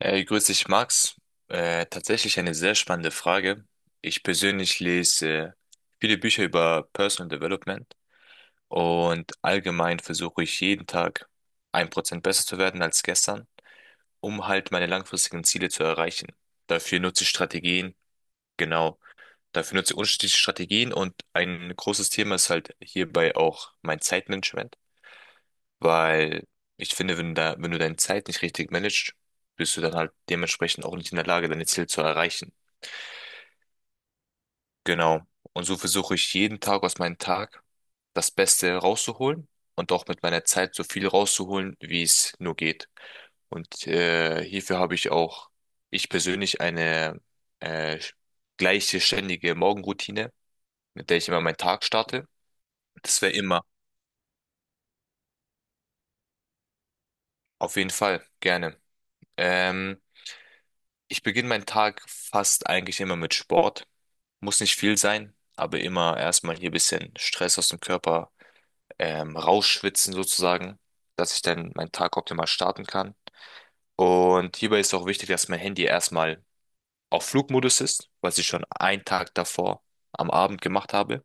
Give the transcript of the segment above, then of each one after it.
Hey, grüß dich, Max. Tatsächlich eine sehr spannende Frage. Ich persönlich lese viele Bücher über Personal Development und allgemein versuche ich jeden Tag 1% besser zu werden als gestern, um halt meine langfristigen Ziele zu erreichen. Dafür nutze ich Strategien, genau. Dafür nutze ich unterschiedliche Strategien und ein großes Thema ist halt hierbei auch mein Zeitmanagement. Weil ich finde, wenn du deine Zeit nicht richtig managst, bist du dann halt dementsprechend auch nicht in der Lage, deine Ziele zu erreichen. Genau. Und so versuche ich jeden Tag aus meinem Tag das Beste rauszuholen und auch mit meiner Zeit so viel rauszuholen, wie es nur geht. Und hierfür habe ich auch ich persönlich, eine äh, gleiche ständige Morgenroutine, mit der ich immer meinen Tag starte. Das wäre immer. Auf jeden Fall, gerne. Ähm, Ich beginne meinen Tag fast eigentlich immer mit Sport. Muss nicht viel sein, aber immer erstmal hier ein bisschen Stress aus dem Körper rausschwitzen sozusagen, dass ich dann meinen Tag optimal starten kann. Und hierbei ist auch wichtig, dass mein Handy erstmal auf Flugmodus ist, was ich schon einen Tag davor am Abend gemacht habe.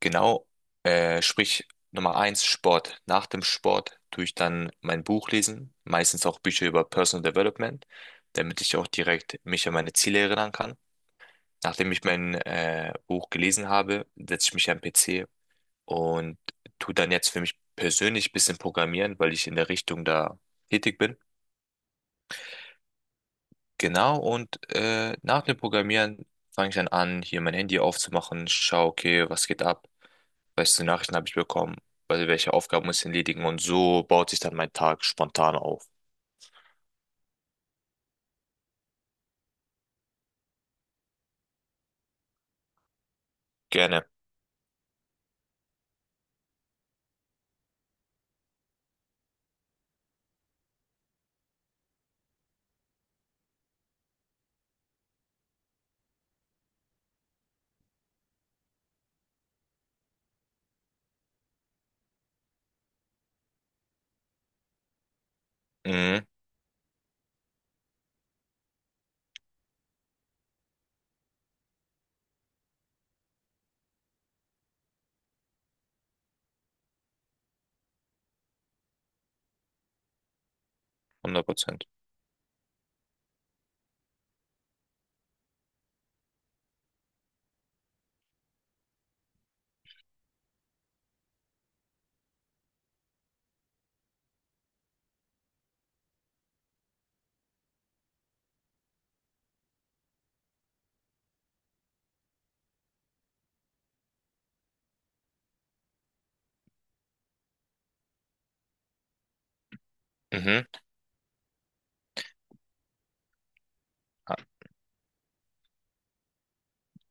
Genau, sprich Nummer eins, Sport. Nach dem Sport tue ich dann mein Buch lesen, meistens auch Bücher über Personal Development, damit ich auch direkt mich an meine Ziele erinnern kann. Nachdem ich mein Buch gelesen habe, setze ich mich am PC und tu dann jetzt für mich persönlich ein bisschen programmieren, weil ich in der Richtung da tätig bin. Genau, und nach dem Programmieren fange ich dann an, hier mein Handy aufzumachen, schaue, okay, was geht ab, welche Nachrichten habe ich bekommen, also welche Aufgaben muss ich erledigen und so baut sich dann mein Tag spontan auf. Gerne. Mhm, 100%. Mhm.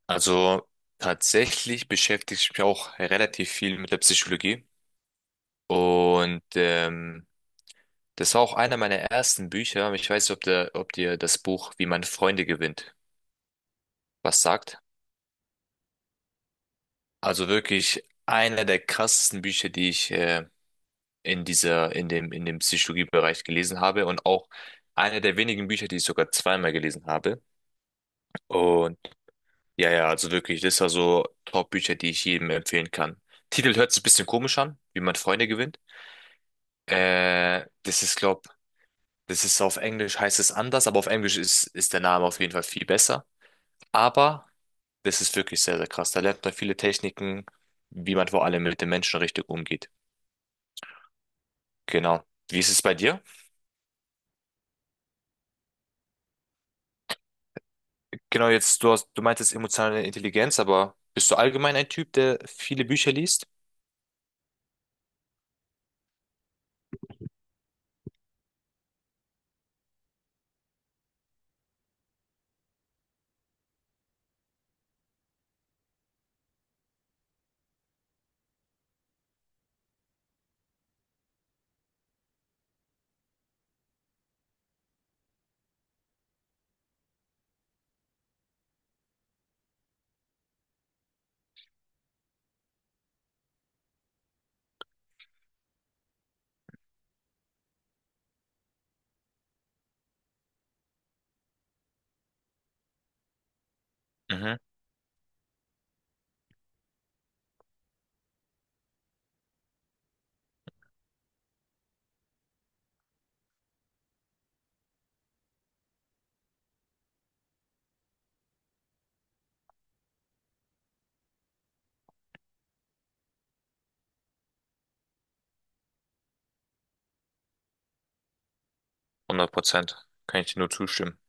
Also tatsächlich beschäftige ich mich auch relativ viel mit der Psychologie. Und das war auch einer meiner ersten Bücher. Ich weiß nicht, ob dir das Buch Wie man Freunde gewinnt was sagt. Also wirklich einer der krassesten Bücher, die ich in dem Psychologiebereich gelesen habe und auch einer der wenigen Bücher, die ich sogar zweimal gelesen habe. Und ja, also wirklich, das war so Top-Bücher, die ich jedem empfehlen kann. Titel hört sich ein bisschen komisch an, wie man Freunde gewinnt. Äh, das ist, glaub, Das ist auf Englisch heißt es anders, aber auf Englisch ist der Name auf jeden Fall viel besser. Aber das ist wirklich sehr, sehr krass. Da lernt man viele Techniken, wie man vor allem mit den Menschen richtig umgeht. Genau. Wie ist es bei dir? Genau, du meintest emotionale Intelligenz, aber bist du allgemein ein Typ, der viele Bücher liest? Mhm. 100%. Kann ich dir nur zustimmen.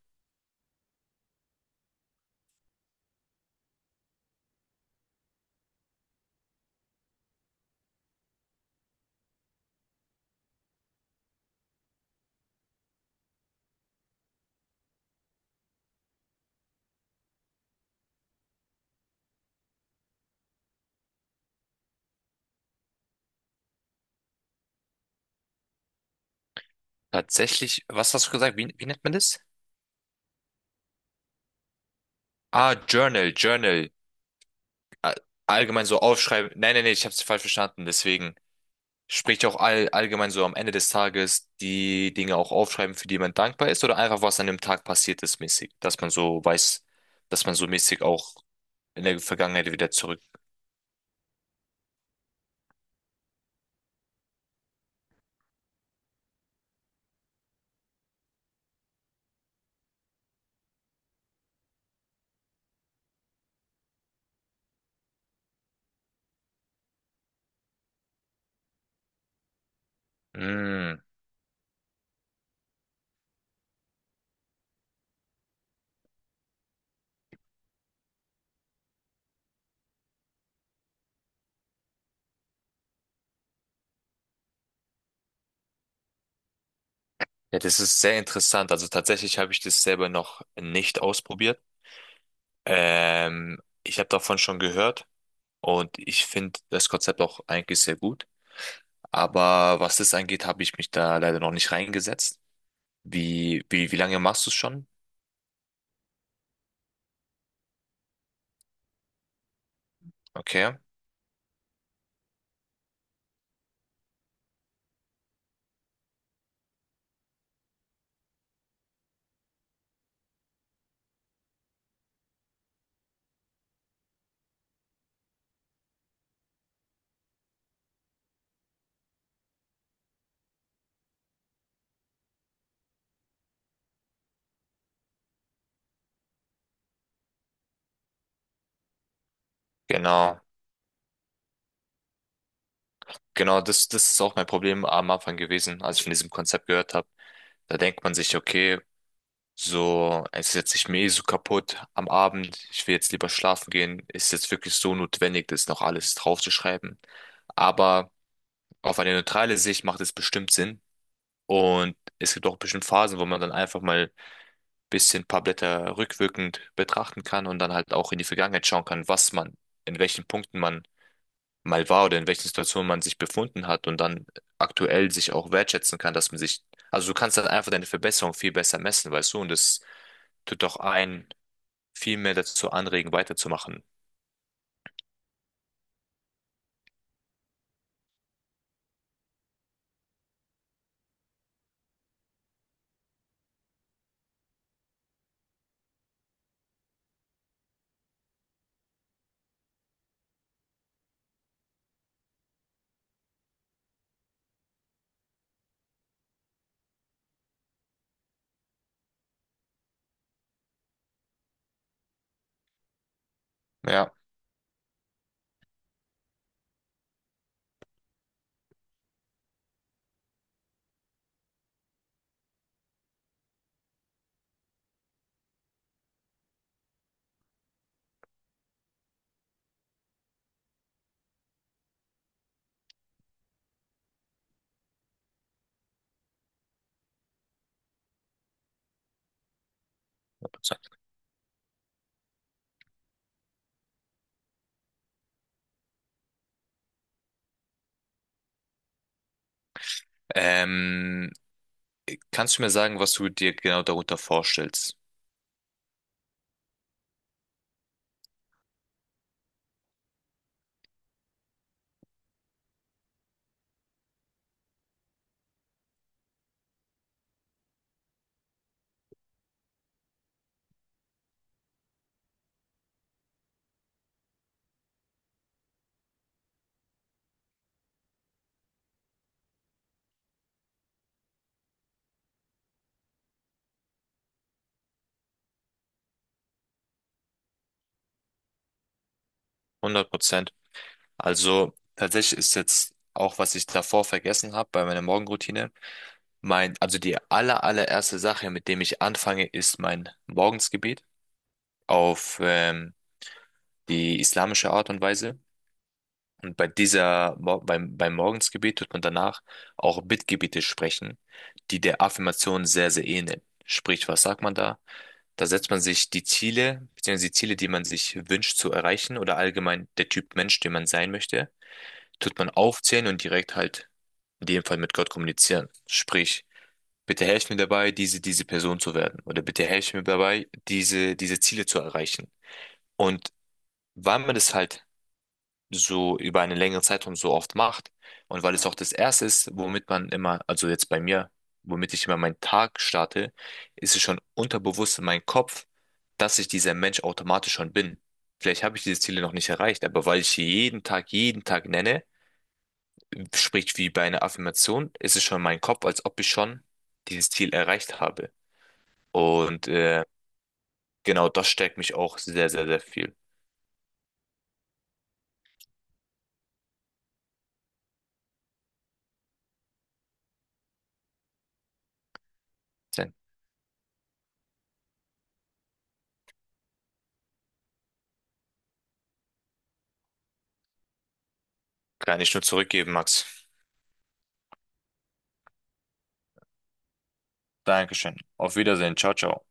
Tatsächlich, was hast du gesagt? Wie nennt man das? Ah, Journal. all- Allgemein so aufschreiben. Nein, nein, nein, ich habe es falsch verstanden. Deswegen spricht ja auch all, allgemein so am Ende des Tages die Dinge auch aufschreiben, für die man dankbar ist oder einfach was an dem Tag passiert ist mäßig, dass man so weiß, dass man so mäßig auch in der Vergangenheit wieder zurück. Mm. Ja, das ist sehr interessant. Also tatsächlich habe ich das selber noch nicht ausprobiert. Ich habe davon schon gehört und ich finde das Konzept auch eigentlich sehr gut. Aber was das angeht, habe ich mich da leider noch nicht reingesetzt. Wie lange machst du es schon? Okay, genau. Genau, das ist auch mein Problem am Anfang gewesen, als ich von diesem Konzept gehört habe. Da denkt man sich, okay, so, es ist jetzt mir mehr so kaputt am Abend, ich will jetzt lieber schlafen gehen. Ist jetzt wirklich so notwendig, das noch alles draufzuschreiben? Aber auf eine neutrale Sicht macht es bestimmt Sinn. Und es gibt auch bestimmt Phasen, wo man dann einfach mal ein bisschen ein paar Blätter rückwirkend betrachten kann und dann halt auch in die Vergangenheit schauen kann, in welchen Punkten man mal war oder in welchen Situationen man sich befunden hat und dann aktuell sich auch wertschätzen kann, also du kannst dann einfach deine Verbesserung viel besser messen, weißt du, und das tut doch einen viel mehr dazu anregen, weiterzumachen. Ja. Ähm, kannst du mir sagen, was du dir genau darunter vorstellst? 100%. Also tatsächlich ist jetzt auch, was ich davor vergessen habe bei meiner Morgenroutine, mein, also die allererste Sache, mit dem ich anfange, ist mein Morgensgebet auf die islamische Art und Weise. Und bei dieser, beim Morgensgebet tut man danach auch Bittgebete sprechen, die der Affirmation sehr, sehr ähneln. Sprich, was sagt man da? Da setzt man sich die Ziele, beziehungsweise die Ziele, die man sich wünscht zu erreichen oder allgemein der Typ Mensch, den man sein möchte, tut man aufzählen und direkt halt in dem Fall mit Gott kommunizieren. Sprich, bitte helf mir dabei, diese Person zu werden oder bitte helf mir dabei, diese Ziele zu erreichen. Und weil man das halt so über einen längeren Zeitraum so oft macht und weil es auch das Erste ist, womit man immer, also jetzt bei mir, womit ich immer meinen Tag starte, ist es schon unterbewusst in meinem Kopf, dass ich dieser Mensch automatisch schon bin. Vielleicht habe ich diese Ziele noch nicht erreicht, aber weil ich sie jeden Tag nenne, sprich wie bei einer Affirmation, ist es schon in meinem Kopf, als ob ich schon dieses Ziel erreicht habe. Und genau das stärkt mich auch sehr, sehr, sehr viel. Dann kann ich nur zurückgeben, Max. Dankeschön. Auf Wiedersehen. Ciao, ciao.